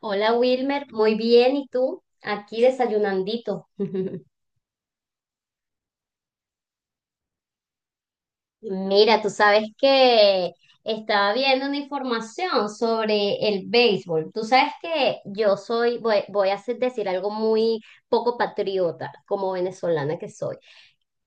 Hola Wilmer, muy bien, ¿y tú? Aquí desayunandito. Mira, tú sabes que estaba viendo una información sobre el béisbol. Tú sabes que yo voy a decir algo muy poco patriota, como venezolana que soy.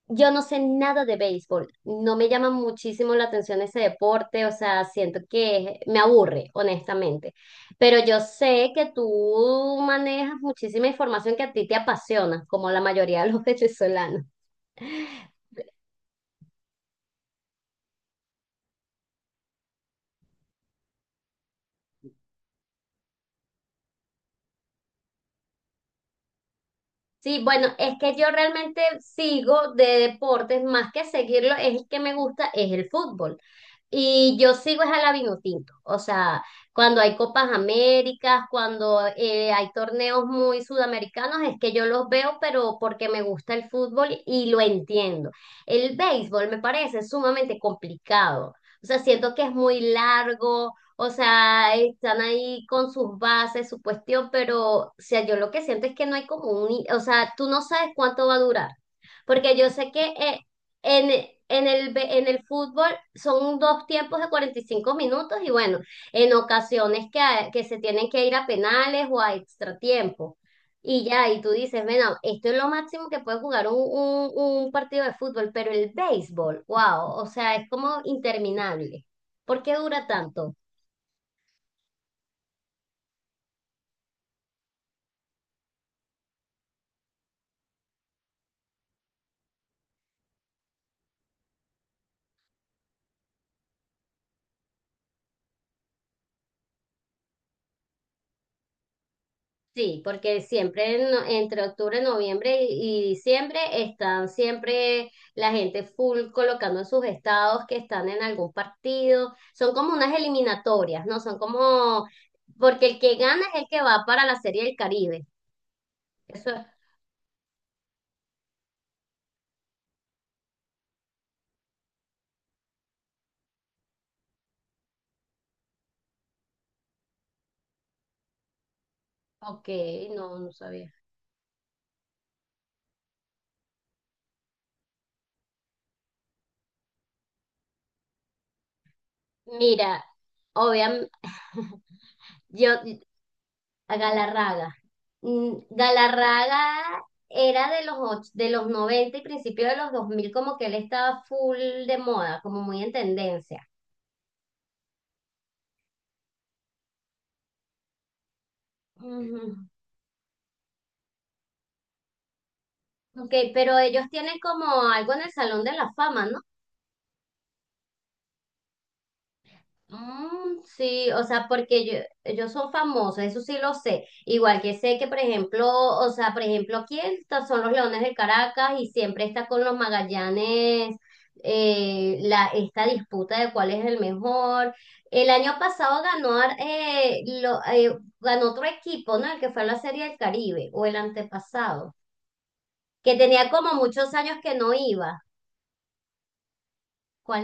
Yo no sé nada de béisbol, no me llama muchísimo la atención ese deporte, o sea, siento que me aburre, honestamente. Pero yo sé que tú manejas muchísima información que a ti te apasiona, como la mayoría de los venezolanos. Sí, bueno, es que yo realmente sigo de deportes, más que seguirlo, es el que me gusta, es el fútbol. Y yo sigo es a la Vinotinto, o sea, cuando hay Copas Américas, cuando hay torneos muy sudamericanos, es que yo los veo, pero porque me gusta el fútbol y lo entiendo. El béisbol me parece sumamente complicado, o sea, siento que es muy largo, o sea, están ahí con sus bases, su cuestión, pero, o sea, yo lo que siento es que no hay como un, o sea, tú no sabes cuánto va a durar, porque yo sé que en, en el fútbol son dos tiempos de 45 minutos y bueno, en ocasiones que se tienen que ir a penales o a extra tiempo. Y ya, y tú dices, bueno, esto es lo máximo que puede jugar un partido de fútbol, pero el béisbol, wow, o sea, es como interminable. ¿Por qué dura tanto? Sí, porque siempre no, entre octubre, noviembre y diciembre están siempre la gente full colocando en sus estados que están en algún partido. Son como unas eliminatorias, ¿no? Son como, porque el que gana es el que va para la Serie del Caribe. Eso es, ok, no, no sabía. Mira, obviamente, yo. A Galarraga. Mm, Galarraga era de los 90 y principios de los 2000, como que él estaba full de moda, como muy en tendencia. Ujú. Ok, pero ellos tienen como algo en el Salón de la Fama, ¿no? Mm, sí, o sea, porque yo, ellos son famosos, eso sí lo sé. Igual que sé que, por ejemplo, o sea, por ejemplo, aquí son los Leones del Caracas y siempre está con los Magallanes, esta disputa de cuál es el mejor. El año pasado ganó otro equipo, ¿no? El que fue a la Serie del Caribe, o el antepasado, que tenía como muchos años que no iba. ¿Cuál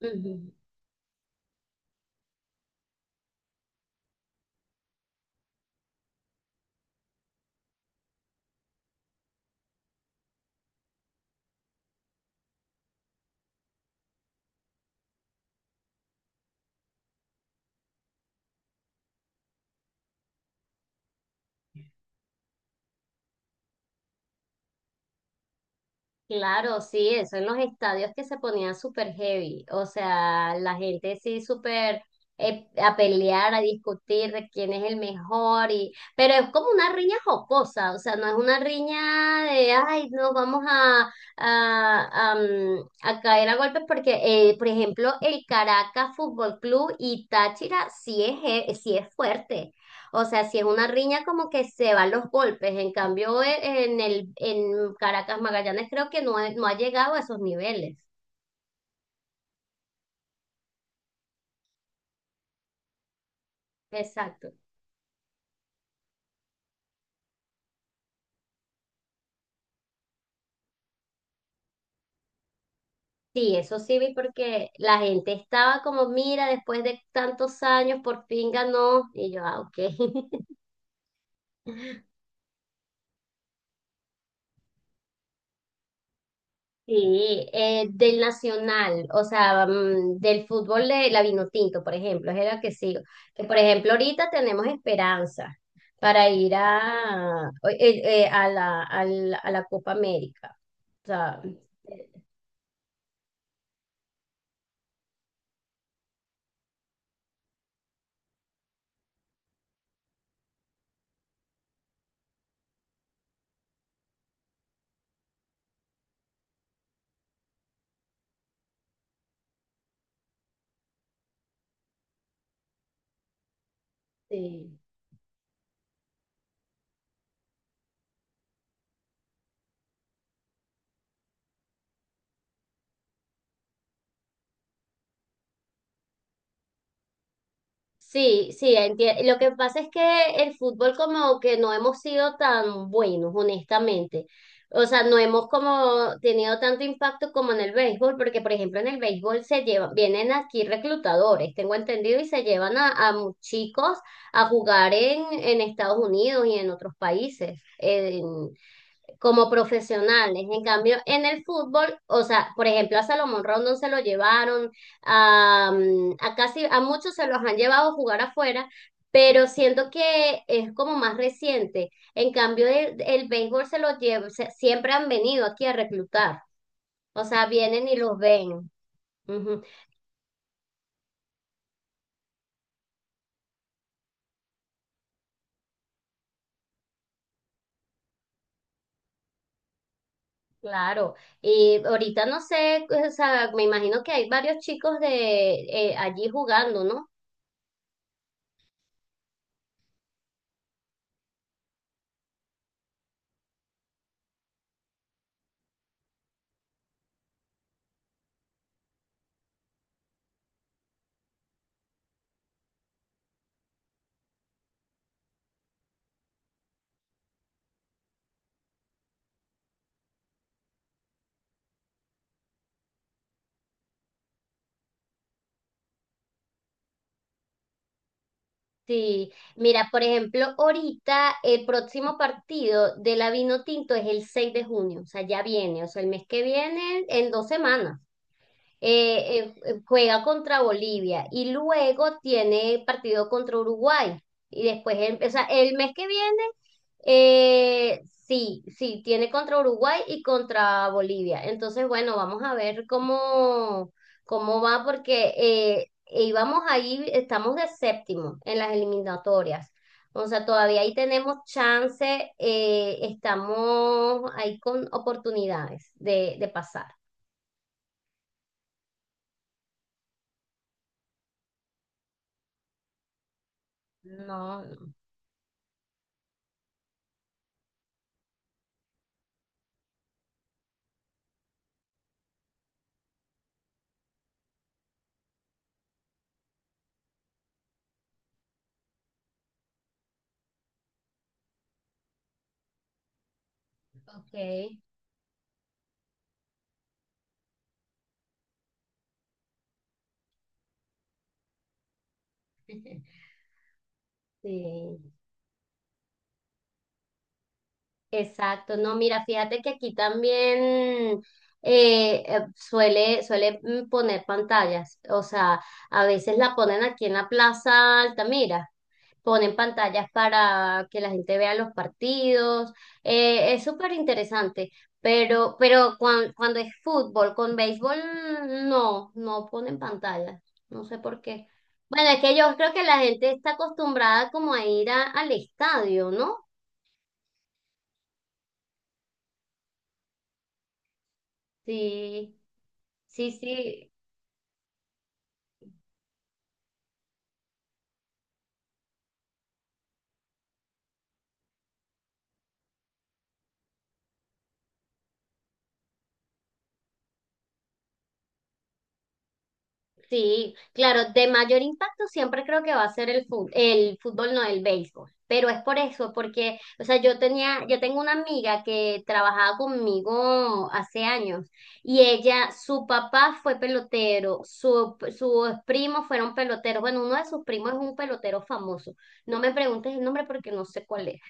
era? Claro, sí, eso en los estadios, que se ponían súper heavy, o sea, la gente sí súper a pelear, a discutir de quién es el mejor, pero es como una riña jocosa, o sea, no es una riña de, ay, nos vamos a caer a golpes, porque, por ejemplo, el Caracas Fútbol Club y Táchira sí es fuerte. O sea, si es una riña como que se van los golpes, en cambio en Caracas Magallanes creo que no ha llegado a esos niveles. Exacto. Sí, eso sí vi porque la gente estaba como, mira, después de tantos años por fin ganó y yo, ah, ok. Sí, del Nacional, o sea, del fútbol de la Vinotinto, por ejemplo, es la que sigo. Que por ejemplo, ahorita tenemos Esperanza para ir a la Copa América. O sea, eh, sí. Sí, sí, lo que pasa es que el fútbol como que no hemos sido tan buenos, honestamente. O sea, no hemos como tenido tanto impacto como en el béisbol, porque por ejemplo en el béisbol se llevan, vienen aquí reclutadores, tengo entendido, y se llevan a chicos a jugar en Estados Unidos y en otros países como profesionales. En cambio, en el fútbol, o sea, por ejemplo, a Salomón Rondón se lo llevaron, a, a casi a muchos se los han llevado a jugar afuera, pero siento que es como más reciente. En cambio, el béisbol se los lleva, siempre han venido aquí a reclutar, o sea, vienen y los ven. Ujú, claro, y ahorita no sé, o sea, me imagino que hay varios chicos de allí jugando, ¿no? Sí, mira, por ejemplo, ahorita el próximo partido de la Vinotinto es el 6 de junio, o sea, ya viene, o sea, el mes que viene, en 2 semanas. Juega contra Bolivia y luego tiene partido contra Uruguay. Y después, el, o sea, el mes que viene, sí, sí, tiene contra Uruguay y contra Bolivia. Entonces, bueno, vamos a ver cómo va, porque íbamos ahí, estamos de séptimo en las eliminatorias. O sea, todavía ahí tenemos chance, estamos ahí con oportunidades de pasar. No, ok. Sí. Exacto, no, mira, fíjate que aquí también suele poner pantallas, o sea, a veces la ponen aquí en la Plaza Altamira, ponen pantallas para que la gente vea los partidos, es súper interesante, pero cuando es fútbol, con béisbol, no ponen pantallas, no sé por qué. Bueno, es que yo creo que la gente está acostumbrada como a ir al estadio, ¿no? Sí. Sí, sí, sí, claro, de mayor impacto siempre creo que va a ser el fútbol, no el béisbol, pero es por eso, porque, o sea, yo tengo una amiga que trabajaba conmigo hace años, y ella, su papá fue pelotero, sus primos fueron peloteros, bueno, uno de sus primos es un pelotero famoso, no me preguntes el nombre porque no sé cuál es.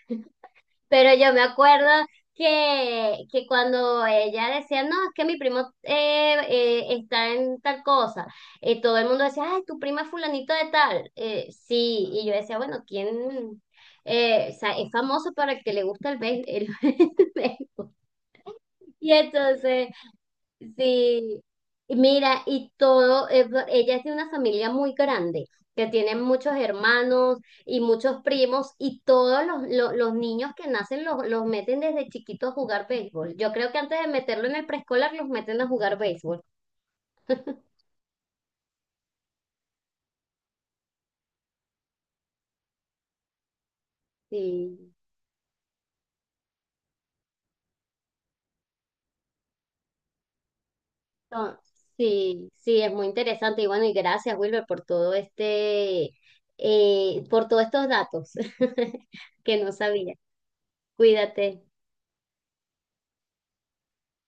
Pero yo me acuerdo que cuando ella decía, no, es que mi primo está en tal cosa, todo el mundo decía, ay, tu prima es fulanito de tal. Sí, y yo decía, bueno, ¿quién? O sea, es famoso para el que le gusta el béisbol. Y entonces. Sí, y mira, y todo, ella es de una familia muy grande, que tiene muchos hermanos y muchos primos, y todos los niños que nacen los meten desde chiquitos a jugar béisbol. Yo creo que antes de meterlo en el preescolar, los meten a jugar béisbol. Sí, no, sí, sí, es muy interesante. Y bueno, y gracias, Wilber, por todo este, por todos estos datos que no sabía. Cuídate.